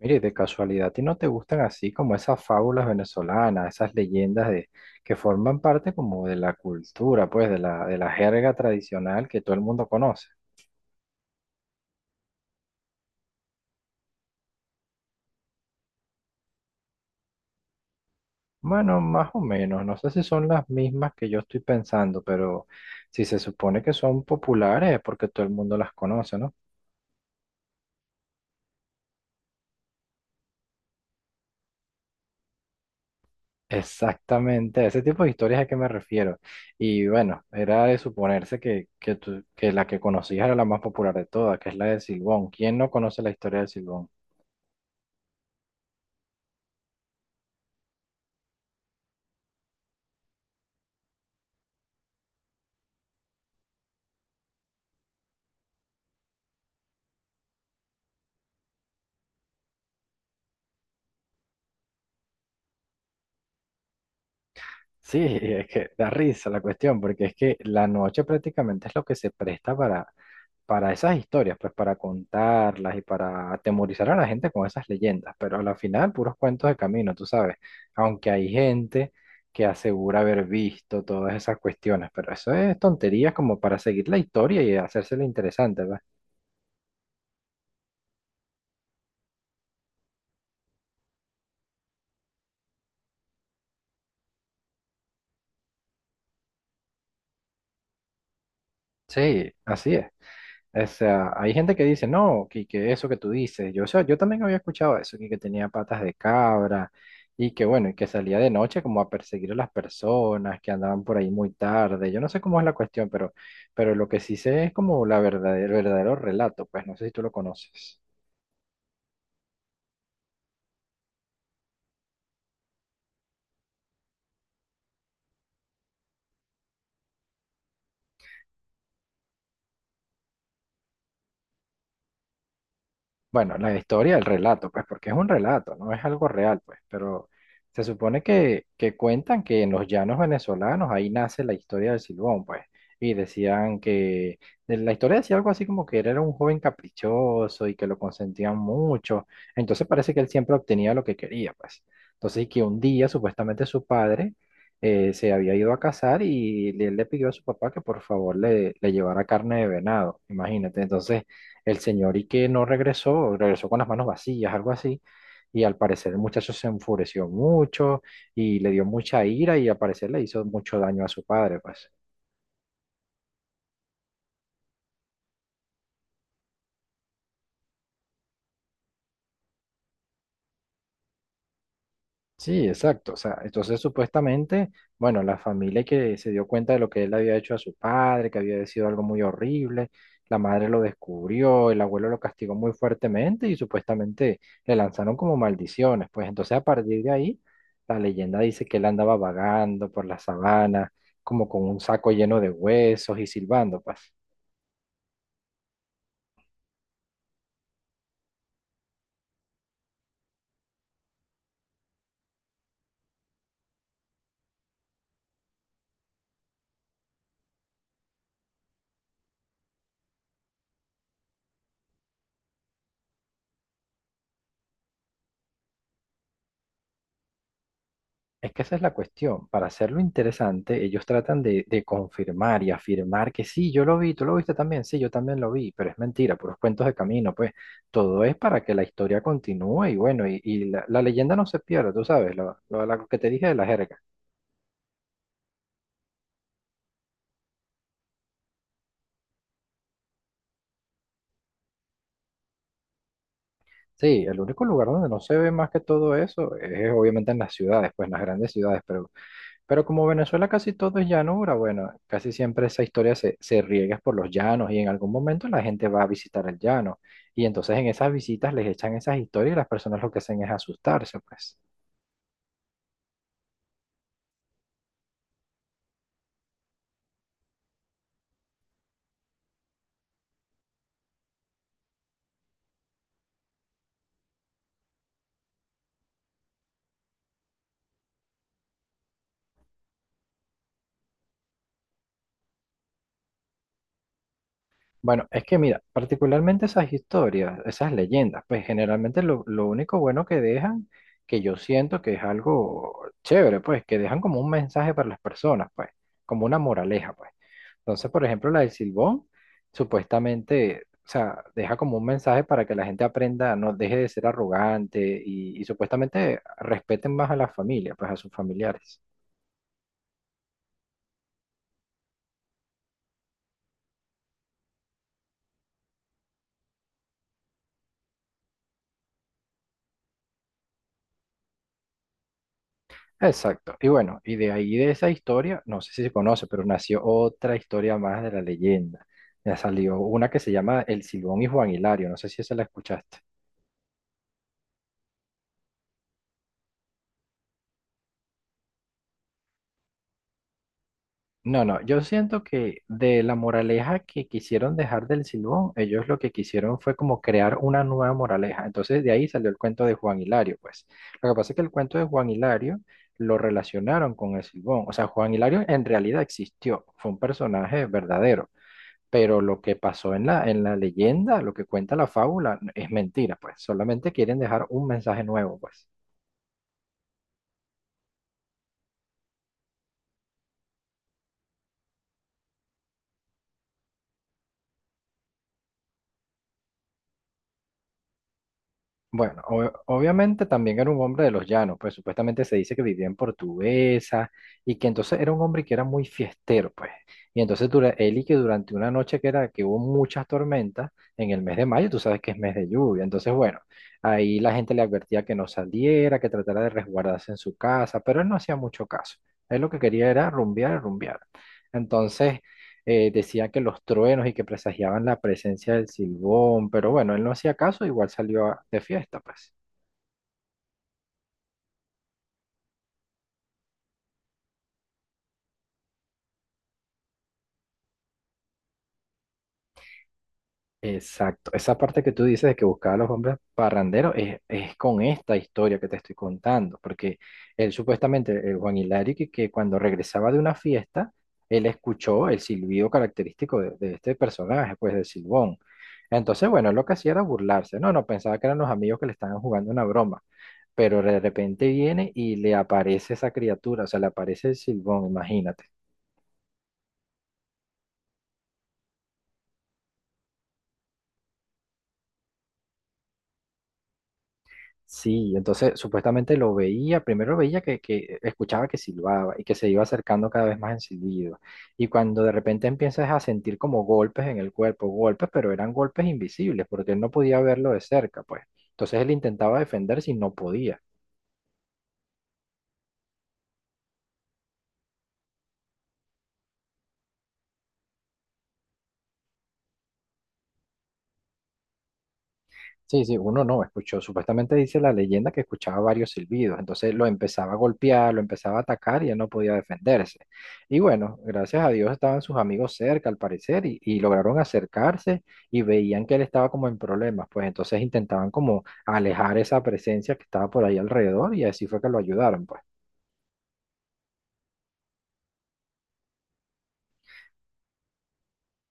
Mire, de casualidad, ¿y no te gustan así como esas fábulas venezolanas, esas leyendas de que forman parte como de la cultura, pues de la jerga tradicional que todo el mundo conoce? Bueno, más o menos, no sé si son las mismas que yo estoy pensando, pero si se supone que son populares es porque todo el mundo las conoce, ¿no? Exactamente, a ese tipo de historias a que me refiero. Y bueno, era de suponerse que la que conocías era la más popular de todas, que es la del Silbón. ¿Quién no conoce la historia del Silbón? Sí, es que da risa la cuestión, porque es que la noche prácticamente es lo que se presta para esas historias, pues para contarlas y para atemorizar a la gente con esas leyendas, pero a la final puros cuentos de camino, tú sabes, aunque hay gente que asegura haber visto todas esas cuestiones, pero eso es tonterías como para seguir la historia y hacérsela interesante, ¿verdad? Sí, así es. O sea, hay gente que dice, no, que eso que tú dices, yo, o sea, yo también había escuchado eso, que tenía patas de cabra y que bueno, y que salía de noche como a perseguir a las personas que andaban por ahí muy tarde. Yo no sé cómo es la cuestión, pero lo que sí sé es como la verdad, el verdadero relato, pues no sé si tú lo conoces. Bueno, la historia, el relato, pues, porque es un relato, no es algo real, pues, pero se supone que cuentan que en los llanos venezolanos ahí nace la historia del Silbón, pues, y decían que de la historia decía algo así como que él era un joven caprichoso y que lo consentían mucho. Entonces parece que él siempre obtenía lo que quería, pues. Y que un día supuestamente su padre se había ido a cazar y él le pidió a su papá que por favor le llevara carne de venado, imagínate. Entonces el señor y que no regresó, regresó con las manos vacías, algo así. Y al parecer el muchacho se enfureció mucho y le dio mucha ira y al parecer le hizo mucho daño a su padre, pues. Sí, exacto. O sea, entonces supuestamente, bueno, la familia que se dio cuenta de lo que él había hecho a su padre, que había sido algo muy horrible, la madre lo descubrió, el abuelo lo castigó muy fuertemente y supuestamente le lanzaron como maldiciones. Pues entonces a partir de ahí, la leyenda dice que él andaba vagando por la sabana, como con un saco lleno de huesos y silbando, pues. Es que esa es la cuestión. Para hacerlo interesante, ellos tratan de confirmar y afirmar que sí, yo lo vi, tú lo viste también, sí, yo también lo vi, pero es mentira, puros cuentos de camino, pues todo es para que la historia continúe y bueno, y la leyenda no se pierda, tú sabes, lo que te dije de la jerga. Sí, el único lugar donde no se ve más que todo eso es obviamente en las ciudades, pues en las grandes ciudades, pero como Venezuela casi todo es llanura, bueno, casi siempre esa historia se riega por los llanos y en algún momento la gente va a visitar el llano. Y entonces en esas visitas les echan esas historias y las personas lo que hacen es asustarse, pues. Bueno, es que mira, particularmente esas historias, esas leyendas, pues generalmente lo único bueno que dejan, que yo siento que es algo chévere, pues que dejan como un mensaje para las personas, pues, como una moraleja, pues. Entonces, por ejemplo, la del Silbón, supuestamente, o sea, deja como un mensaje para que la gente aprenda, no deje de ser arrogante y supuestamente respeten más a la familia, pues a sus familiares. Exacto. Y bueno, y de ahí de esa historia, no sé si se conoce, pero nació otra historia más de la leyenda. Ya salió una que se llama El Silbón y Juan Hilario, no sé si esa la escuchaste. No, no, yo siento que de la moraleja que quisieron dejar del Silbón, ellos lo que quisieron fue como crear una nueva moraleja. Entonces de ahí salió el cuento de Juan Hilario, pues. Lo que pasa es que el cuento de Juan Hilario lo relacionaron con el Silbón. O sea, Juan Hilario en realidad existió, fue un personaje verdadero. Pero lo que pasó en en la leyenda, lo que cuenta la fábula, es mentira, pues. Solamente quieren dejar un mensaje nuevo, pues. Bueno, obviamente también era un hombre de los llanos, pues supuestamente se dice que vivía en Portuguesa y que entonces era un hombre que era muy fiestero, pues. Y entonces él y que durante una noche que era que hubo muchas tormentas en el mes de mayo, tú sabes que es mes de lluvia, entonces bueno, ahí la gente le advertía que no saliera, que tratara de resguardarse en su casa, pero él no hacía mucho caso. Él lo que quería era rumbear, rumbear. Entonces, decía que los truenos y que presagiaban la presencia del Silbón, pero bueno, él no hacía caso, igual salió de fiesta, pues. Exacto, esa parte que tú dices de que buscaba a los hombres parranderos es con esta historia que te estoy contando, porque él supuestamente, el Juan Hilario, que cuando regresaba de una fiesta, él escuchó el silbido característico de este personaje, pues del Silbón. Entonces, bueno, él lo que hacía era burlarse, no, no, pensaba que eran los amigos que le estaban jugando una broma, pero de repente viene y le aparece esa criatura, o sea, le aparece el silbón, imagínate. Sí, entonces supuestamente lo veía, primero lo veía que escuchaba que silbaba y que se iba acercando cada vez más en silbido. Y cuando de repente empiezas a sentir como golpes en el cuerpo, golpes, pero eran golpes invisibles porque él no podía verlo de cerca, pues. Entonces él intentaba defenderse y no podía. Sí, sí, uno no escuchó. Supuestamente dice la leyenda que escuchaba varios silbidos. Entonces lo empezaba a golpear, lo empezaba a atacar y él no podía defenderse. Y bueno, gracias a Dios estaban sus amigos cerca, al parecer, y lograron acercarse y veían que él estaba como en problemas. Pues entonces intentaban como alejar esa presencia que estaba por ahí alrededor y así fue que lo ayudaron, pues.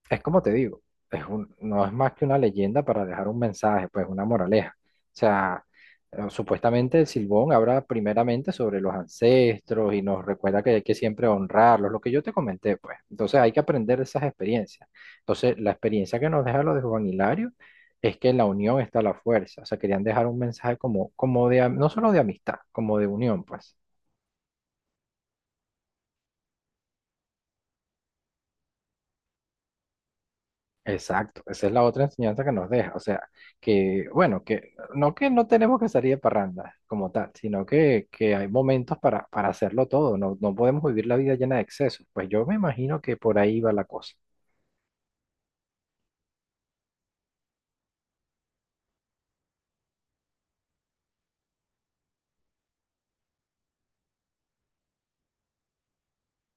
Es como te digo, no es más que una leyenda para dejar un mensaje, pues una moraleja. O sea, supuestamente el Silbón habla primeramente sobre los ancestros y nos recuerda que hay que siempre honrarlos, lo que yo te comenté, pues. Entonces hay que aprender de esas experiencias. Entonces, la experiencia que nos deja lo de Juan Hilario es que en la unión está la fuerza. O sea, querían dejar un mensaje como, no solo de amistad, como de unión, pues. Exacto, esa es la otra enseñanza que nos deja. O sea, que, bueno, que no tenemos que salir de parranda como tal, sino que hay momentos para hacerlo todo. No, no podemos vivir la vida llena de excesos. Pues yo me imagino que por ahí va la cosa.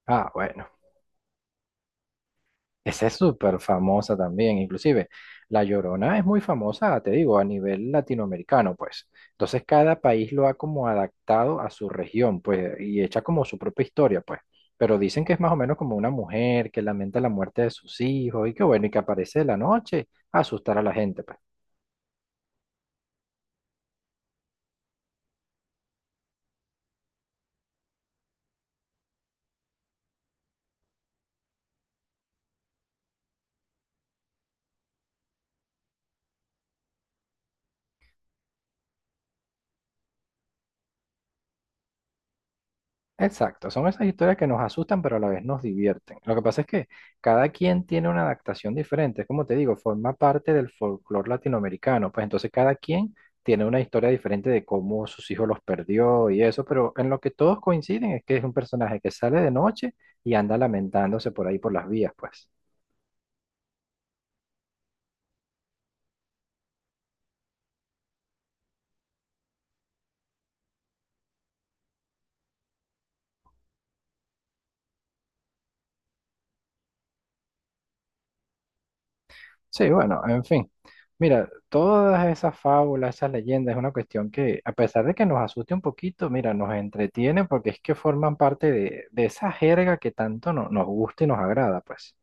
Ah, bueno. Esa es súper famosa también, inclusive. La Llorona es muy famosa, te digo, a nivel latinoamericano, pues. Entonces cada país lo ha como adaptado a su región, pues, y echa como su propia historia, pues. Pero dicen que es más o menos como una mujer que lamenta la muerte de sus hijos y que bueno, y que aparece de la noche a asustar a la gente, pues. Exacto, son esas historias que nos asustan pero a la vez nos divierten. Lo que pasa es que cada quien tiene una adaptación diferente, es como te digo, forma parte del folclore latinoamericano, pues entonces cada quien tiene una historia diferente de cómo sus hijos los perdió y eso, pero en lo que todos coinciden es que es un personaje que sale de noche y anda lamentándose por ahí por las vías, pues. Sí, bueno, en fin. Mira, todas esas fábulas, esas leyendas, es una cuestión que, a pesar de que nos asuste un poquito, mira, nos entretiene porque es que forman parte de esa jerga que tanto nos gusta y nos agrada, pues.